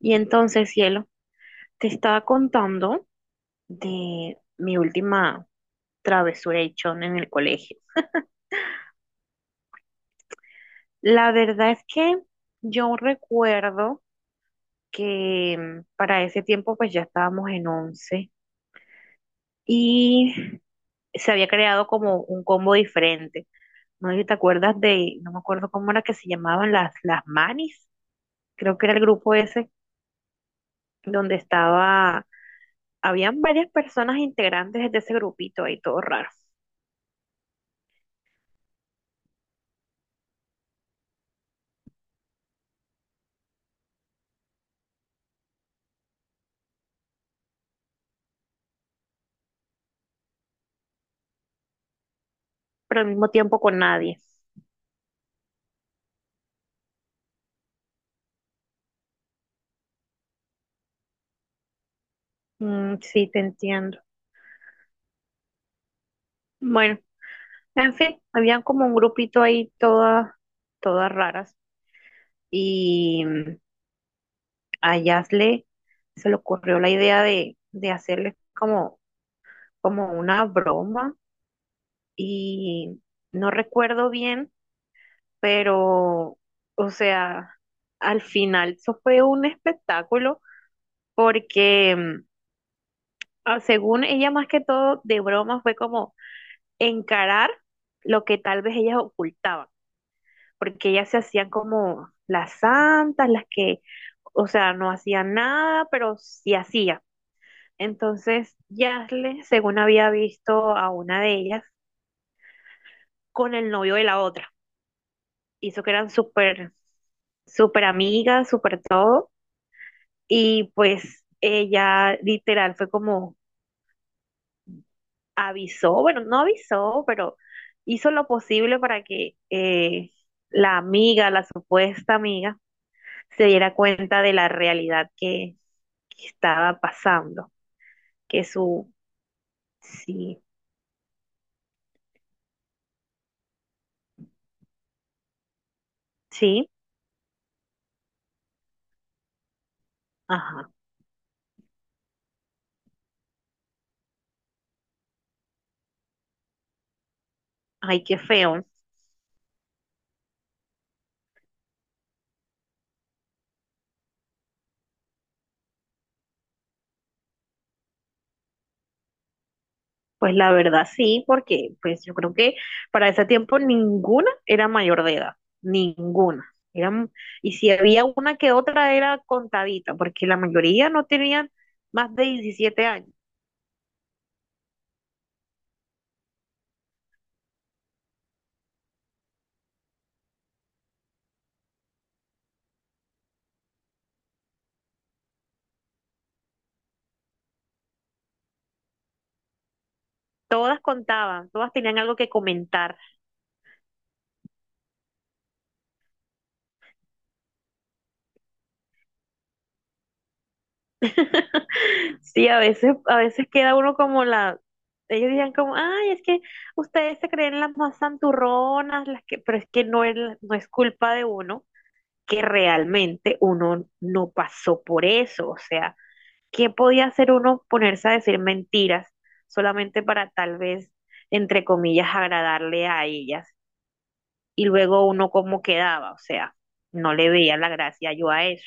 Y entonces, cielo, te estaba contando de mi última travesura echón en el colegio. La verdad es que yo recuerdo que para ese tiempo pues ya estábamos en 11 y se había creado como un combo diferente. No sé si te acuerdas de, no me acuerdo cómo era que se llamaban las manis, creo que era el grupo ese donde estaba, habían varias personas integrantes de ese grupito ahí, todo raro. Pero al mismo tiempo con nadie. Mm, sí, te entiendo. Bueno, en fin, habían como un grupito ahí todas, todas raras y a Yasle se le ocurrió la idea de hacerles como, como una broma y no recuerdo bien, pero, o sea, al final eso fue un espectáculo porque según ella más que todo de broma fue como encarar lo que tal vez ellas ocultaban, porque ellas se hacían como las santas, las que, o sea, no hacían nada, pero sí hacían. Entonces, Yasle, según había visto a una de ellas, con el novio de la otra, hizo que eran súper, súper amigas, súper todo, y pues ella literal fue como, avisó, bueno, no avisó, pero hizo lo posible para que la amiga, la supuesta amiga, se diera cuenta de la realidad que estaba pasando, que su, sí, sí, ajá, ay, qué feo. Pues la verdad sí, porque pues yo creo que para ese tiempo ninguna era mayor de edad, ninguna. Eran, y si había una que otra era contadita, porque la mayoría no tenían más de 17 años. Todas contaban, todas tenían algo que comentar. Sí, a veces queda uno como la, ellos decían como, ay, es que ustedes se creen las más santurronas, las que, pero es que no es, no es culpa de uno, que realmente uno no pasó por eso. O sea, ¿qué podía hacer uno ponerse a decir mentiras solamente para tal vez, entre comillas, agradarle a ellas? Y luego uno cómo quedaba, o sea, no le veía la gracia yo a eso.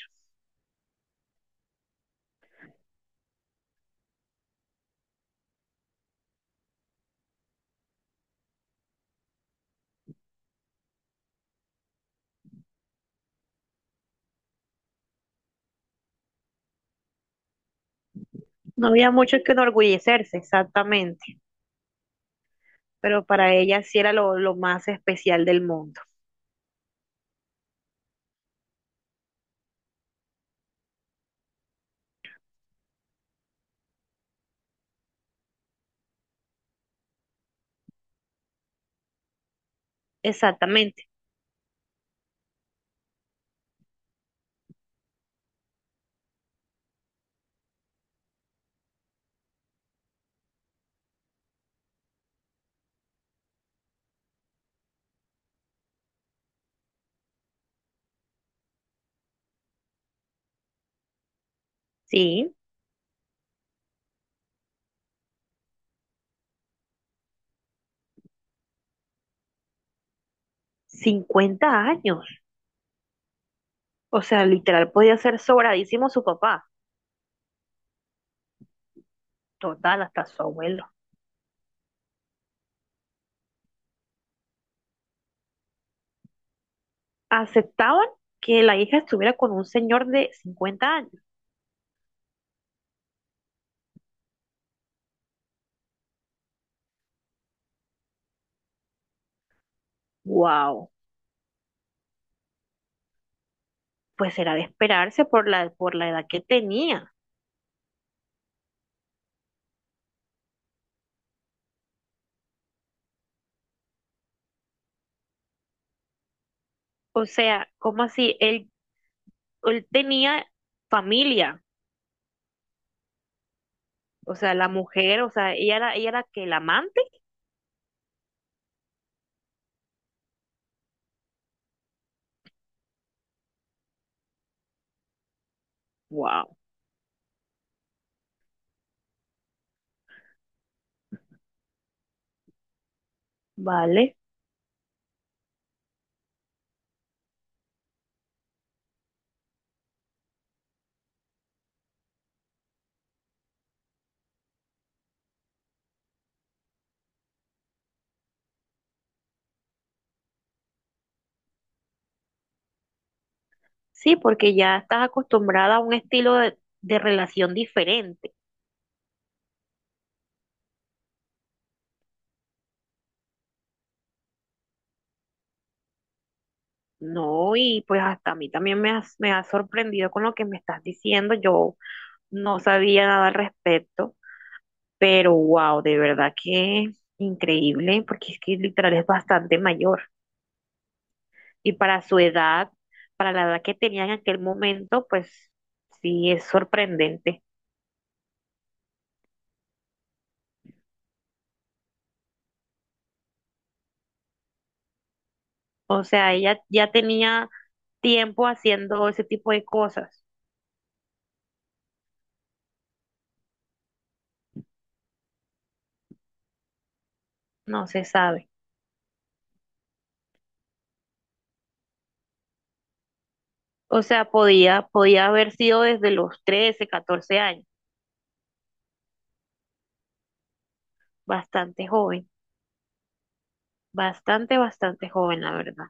No había mucho que enorgullecerse, exactamente, pero para ella sí era lo más especial del mundo. Exactamente, sí, 50 años. O sea, literal podía ser sobradísimo su papá, total, hasta su abuelo. Aceptaban que la hija estuviera con un señor de 50 años. Wow, pues era de esperarse por la edad que tenía. O sea, ¿cómo así? Él tenía familia. O sea, la mujer, o sea, ella era que la amante. Wow. Vale, sí, porque ya estás acostumbrada a un estilo de relación diferente, ¿no? Y pues hasta a mí también me has sorprendido con lo que me estás diciendo. Yo no sabía nada al respecto, pero wow, de verdad que increíble, porque es que literal es bastante mayor. Y para su edad, para la edad que tenía en aquel momento, pues sí, es sorprendente. O sea, ella ya tenía tiempo haciendo ese tipo de cosas, no se sabe. O sea, podía, podía haber sido desde los 13, 14 años. Bastante joven, bastante, bastante joven, la verdad.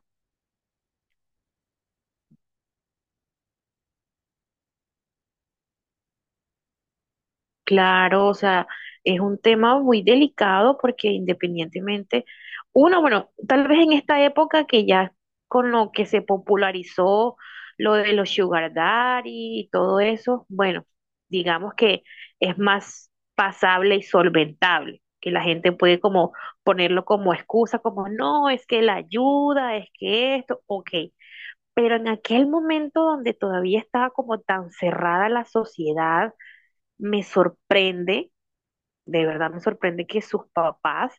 Claro, o sea, es un tema muy delicado porque independientemente, uno, bueno, tal vez en esta época que ya con lo que se popularizó lo de los sugar daddy y todo eso, bueno, digamos que es más pasable y solventable, que la gente puede como ponerlo como excusa, como no, es que la ayuda, es que esto, ok. Pero en aquel momento donde todavía estaba como tan cerrada la sociedad, me sorprende de verdad me sorprende que sus papás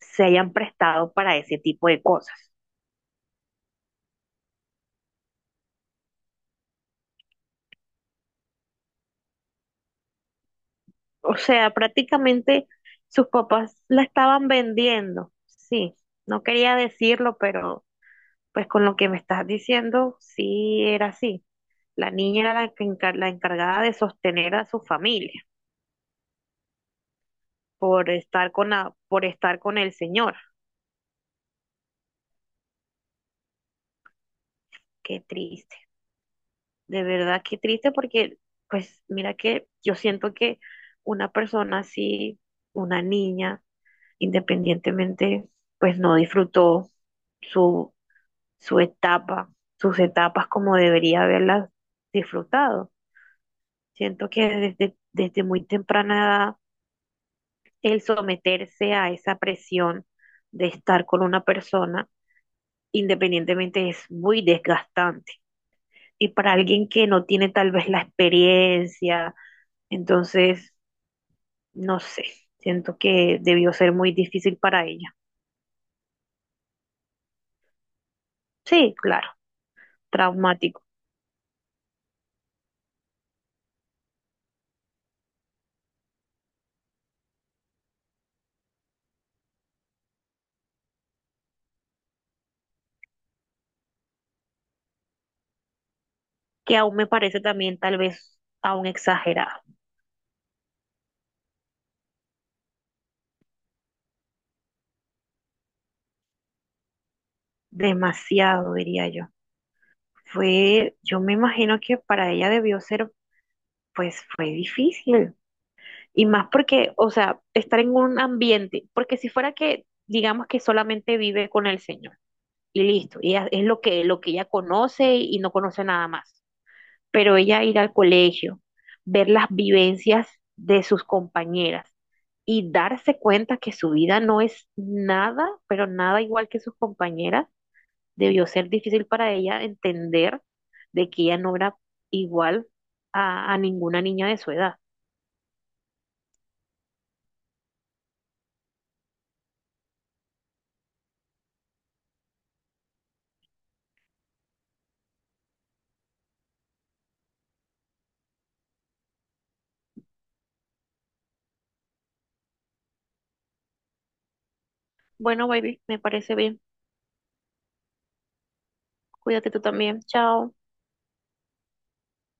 se hayan prestado para ese tipo de cosas. O sea, prácticamente sus papás la estaban vendiendo. Sí, no quería decirlo, pero pues con lo que me estás diciendo, sí era así. La niña era la, que la encargada de sostener a su familia por estar con la, por estar con el señor. Qué triste. De verdad, qué triste porque, pues mira que yo siento que una persona así, una niña, independientemente, pues no disfrutó su, su etapa, sus etapas como debería haberlas disfrutado. Siento que desde, desde muy temprana edad, el someterse a esa presión de estar con una persona, independientemente, es muy desgastante. Y para alguien que no tiene tal vez la experiencia, entonces, no sé, siento que debió ser muy difícil para ella. Sí, claro, traumático. Que aún me parece también tal vez aún exagerado, demasiado diría yo. Fue, yo me imagino que para ella debió ser, pues fue difícil. Y más porque, o sea, estar en un ambiente, porque si fuera que, digamos que solamente vive con el Señor y listo, y es lo que ella conoce y no conoce nada más. Pero ella ir al colegio, ver las vivencias de sus compañeras y darse cuenta que su vida no es nada, pero nada igual que sus compañeras, debió ser difícil para ella entender de que ella no era igual a ninguna niña de su edad. Bueno, baby, me parece bien. Cuídate tú también. Chao.